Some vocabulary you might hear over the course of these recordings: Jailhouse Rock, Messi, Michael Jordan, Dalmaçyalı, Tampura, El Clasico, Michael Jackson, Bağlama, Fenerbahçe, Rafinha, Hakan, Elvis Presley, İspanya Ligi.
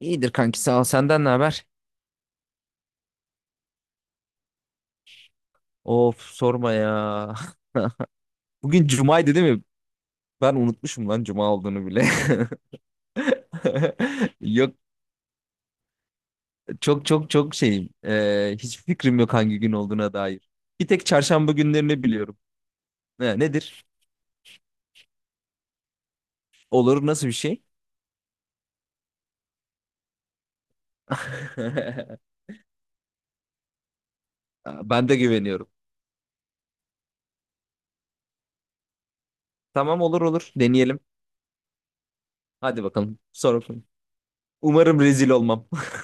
İyidir kanki sağ ol. Senden ne haber? Of sorma ya. Bugün cumaydı değil mi? Ben unutmuşum lan cuma olduğunu bile. Yok çok çok çok şeyim. Hiçbir fikrim yok hangi gün olduğuna dair. Bir tek çarşamba günlerini biliyorum. Nedir? Olur, nasıl bir şey? Ben de güveniyorum. Tamam, olur olur deneyelim. Hadi bakalım sorun. Umarım rezil olmam.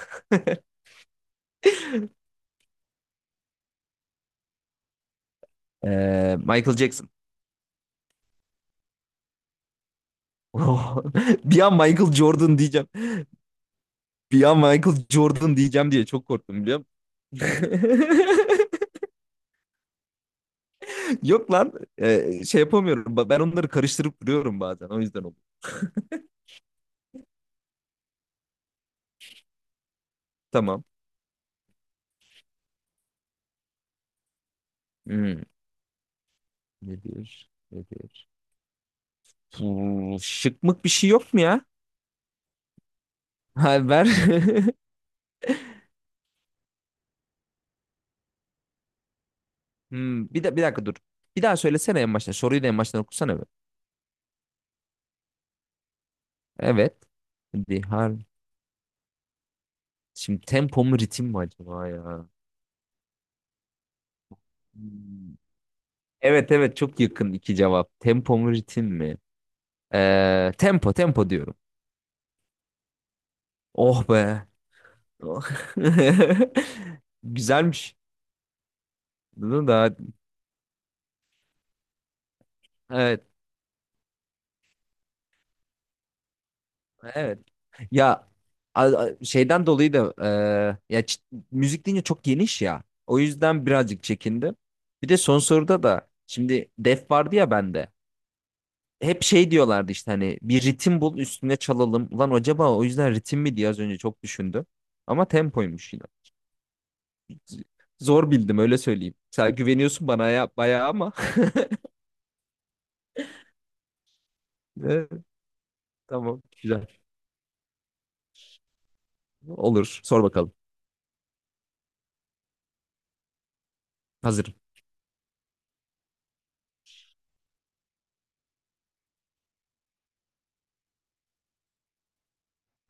Michael Jackson. Bir an Michael Jordan diyeceğim. Bir an Michael Jordan diyeceğim diye çok korktum, biliyor musun? Yok lan. Şey yapamıyorum. Ben onları karıştırıp duruyorum bazen. O yüzden oldu. Tamam. Hmm. Nedir? Nedir? Hmm, şıkmık bir şey yok mu ya? Ha, ver. Hmm, bir de bir dakika dur. Bir daha söylesene en baştan. Soruyu da en baştan okusana be. Evet. Hadi, şimdi tempo mu ritim mi acaba ya? Hmm. Evet evet, çok yakın iki cevap. Tempo mu ritim mi? Tempo, tempo diyorum. Oh be. Oh. Güzelmiş. Bunu da evet, evet. Ya şeyden dolayı da, e, ya çi- müzik deyince çok geniş ya. O yüzden birazcık çekindim. Bir de son soruda da şimdi def vardı ya bende. Hep şey diyorlardı, işte hani bir ritim bul üstüne çalalım. Ulan acaba o yüzden ritim mi diye az önce çok düşündüm. Ama tempoymuş yine. Z- Zor bildim, öyle söyleyeyim. Sen güveniyorsun bana ya bayağı ama. Evet. Tamam. Güzel. Olur. Sor bakalım. Hazırım.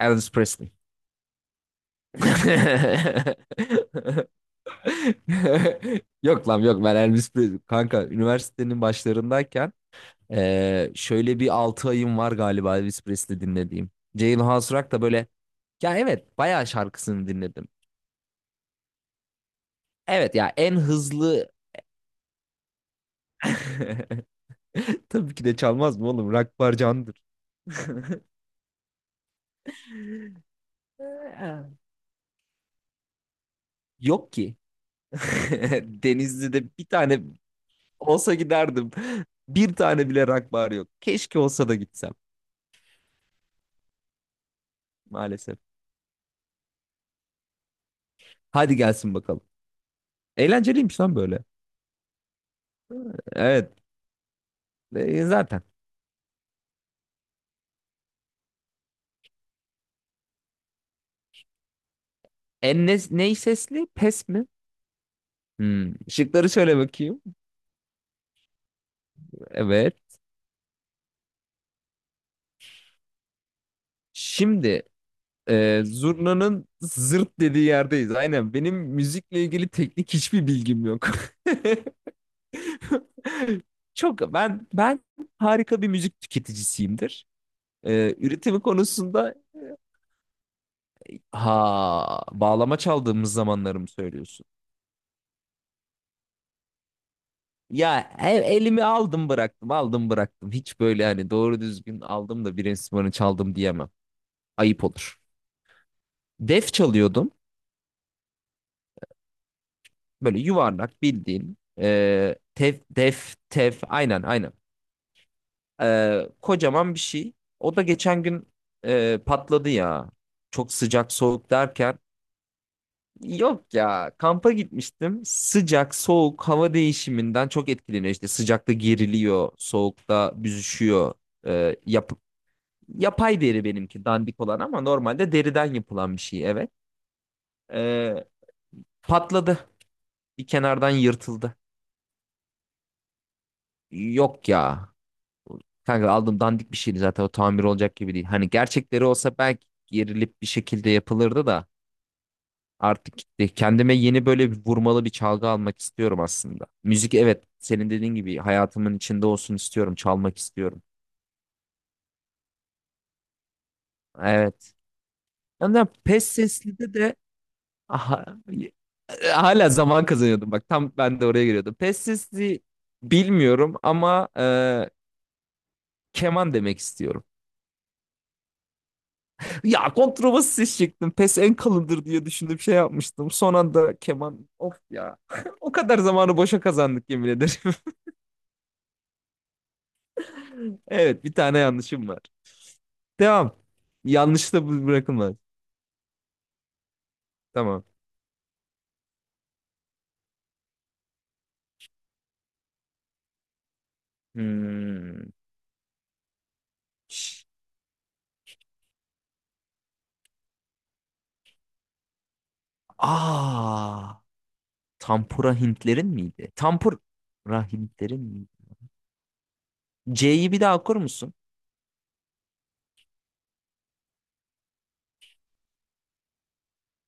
Elvis Presley. Yok lan, yok. Ben Elvis Presley, kanka, üniversitenin başlarındayken şöyle bir 6 ayım var galiba Elvis Presley dinlediğim. Jailhouse Rock da böyle, ya evet, bayağı şarkısını dinledim. Evet ya, en hızlı. Tabii ki de çalmaz mı oğlum? Rock barcandır. Yok ki. Denizli'de bir tane. Olsa giderdim. Bir tane bile rock bar yok. Keşke olsa da gitsem, maalesef. Hadi gelsin bakalım. Eğlenceliymiş lan böyle. Evet, zaten. En ne, ney sesli? Pes mi? Hmm. Şıkları şöyle bakayım. Evet. Şimdi zurnanın zırt dediği yerdeyiz. Aynen. Benim müzikle ilgili teknik hiçbir bilgim yok. Çok ben harika bir müzik tüketicisiyimdir. E, üretimi konusunda. Ha, bağlama çaldığımız zamanları mı söylüyorsun? Ya e- elimi aldım bıraktım, aldım bıraktım. Hiç böyle hani doğru düzgün aldım da bir enstrümanı çaldım diyemem. Ayıp olur. Def çalıyordum. Böyle yuvarlak bildiğin. E, tef, def, tef. Aynen aynen. E, kocaman bir şey. O da geçen gün patladı ya. Çok sıcak soğuk derken, yok ya, kampa gitmiştim. Sıcak, soğuk, hava değişiminden çok etkileniyor. İşte sıcakta geriliyor, soğukta büzüşüyor. Ee, yap yapay deri benimki, dandik olan, ama normalde deriden yapılan bir şey, evet. Ee, patladı. Bir kenardan yırtıldı. Yok ya. Kanka, aldım, dandik bir şeydi zaten, o tamir olacak gibi değil. Hani gerçekleri olsa belki gerilip bir şekilde yapılırdı da. Artık gitti. Kendime yeni böyle bir vurmalı bir çalgı almak istiyorum aslında. Müzik, evet, senin dediğin gibi hayatımın içinde olsun istiyorum. Çalmak istiyorum. Evet. Ama pes sesli de, aha, hala zaman kazanıyordum. Bak tam ben de oraya giriyordum. Pes sesli bilmiyorum ama keman demek istiyorum. Ya kontrabas ses çektim. Pes en kalındır diye düşündüm, şey yapmıştım. Son anda keman. Of ya. O kadar zamanı boşa kazandık, yemin ederim. Evet, bir tane yanlışım var. Devam. Yanlış da bırakılmaz. Tamam. Hmm. Aa, Tampura Hintlerin miydi? Tampura Hintlerin miydi? C'yi bir daha okur musun?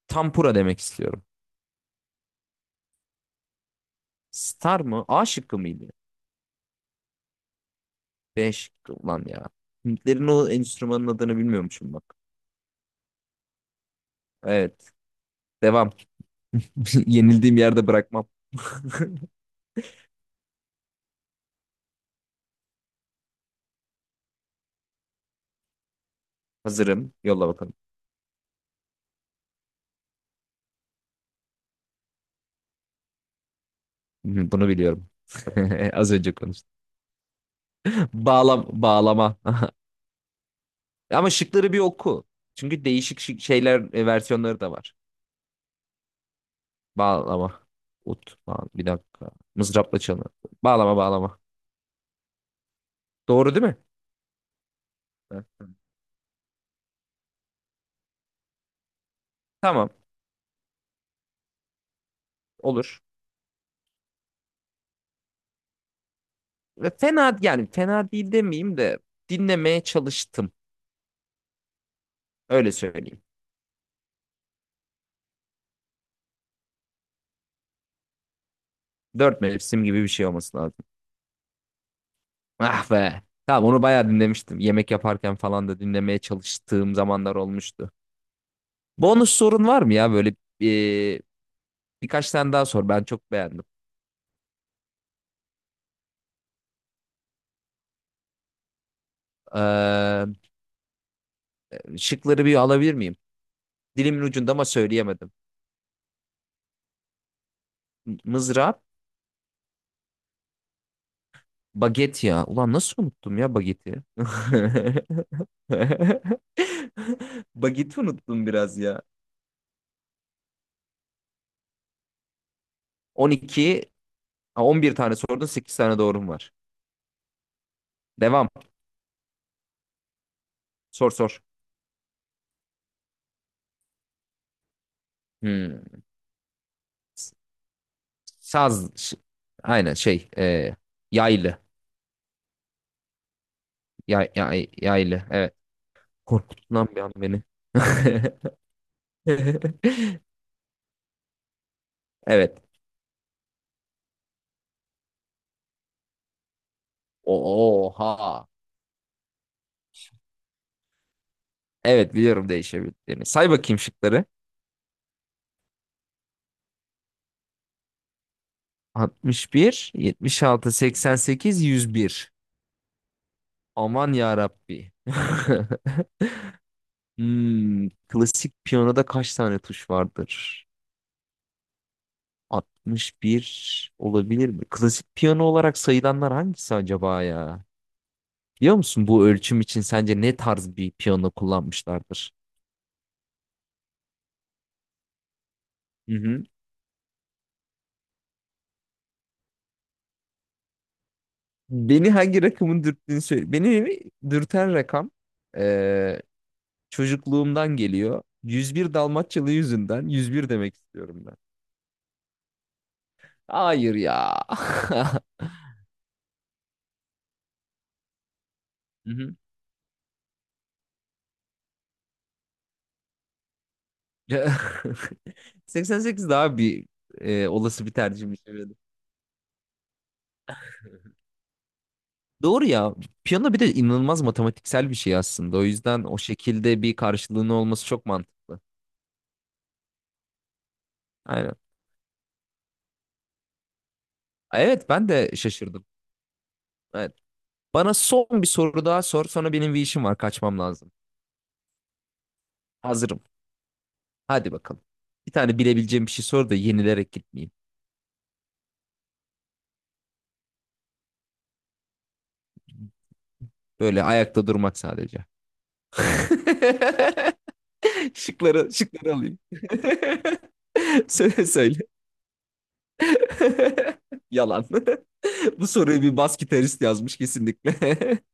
Tampura demek istiyorum. Star mı? A şıkkı mıydı? B şıkkı lan ya. Hintlerin o enstrümanın adını bilmiyormuşum bak. Evet. Devam. Yenildiğim yerde bırakmam. Hazırım. Yolla bakalım. Hı, bunu biliyorum. Az önce konuştum. Bağlam, bağlama. E ama şıkları bir oku. Çünkü değişik şeyler, versiyonları da var. Bağlama. Ut. Bağ, bir dakika. Mızrapla çalı. Bağlama, bağlama. Doğru değil mi? Ha. Tamam. Olur. Ve fena, yani fena değil demeyeyim de, dinlemeye çalıştım. Öyle söyleyeyim. Dört mevsim gibi bir şey olması lazım. Ah be. Tamam, onu bayağı dinlemiştim. Yemek yaparken falan da dinlemeye çalıştığım zamanlar olmuştu. Bonus sorun var mı ya, böyle e, birkaç tane daha sor. Ben çok beğendim. Ee, Şıkları bir alabilir miyim? Dilimin ucunda ama söyleyemedim. Mızrap, baget ya. Ulan nasıl unuttum ya bageti? Bageti unuttum biraz ya. 12, ha, 11 tane sordun, 8 tane doğrum var. Devam. Sor sor. Hmm. S- Saz. Aynen şey. Yaylı. Yaylı. Evet. Korkuttun lan bir an beni. Evet. Oha. Evet, biliyorum değişebildiğini. Say bakayım şıkları. 61, 76, 88, 101. Aman ya Rabbi. Hmm, klasik piyanoda kaç tane tuş vardır? 61 olabilir mi? Klasik piyano olarak sayılanlar hangisi acaba ya? Biliyor musun bu ölçüm için sence ne tarz bir piyano kullanmışlardır? Hı hı. Beni hangi rakamın dürttüğünü söyle. Beni dürten rakam eee, çocukluğumdan geliyor. 101 Dalmaçyalı yüzünden 101 demek istiyorum ben. Hayır ya. Hı hı. 88 daha bir olası bir tercihmiş, evet. Doğru ya. Piyano bir de inanılmaz matematiksel bir şey aslında. O yüzden o şekilde bir karşılığının olması çok mantıklı. Aynen. Evet, ben de şaşırdım. Evet. Bana son bir soru daha sor. Sonra benim bir işim var, kaçmam lazım. Hazırım. Hadi bakalım. Bir tane bilebileceğim bir şey sor da yenilerek gitmeyeyim. Böyle ayakta durmak sadece. Şıkları, şıkları alayım. Söyle söyle. Yalan. Bu soruyu bir bas gitarist yazmış kesinlikle.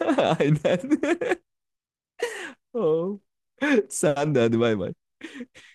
Aynen. Oh. Sen de hadi, bay bay.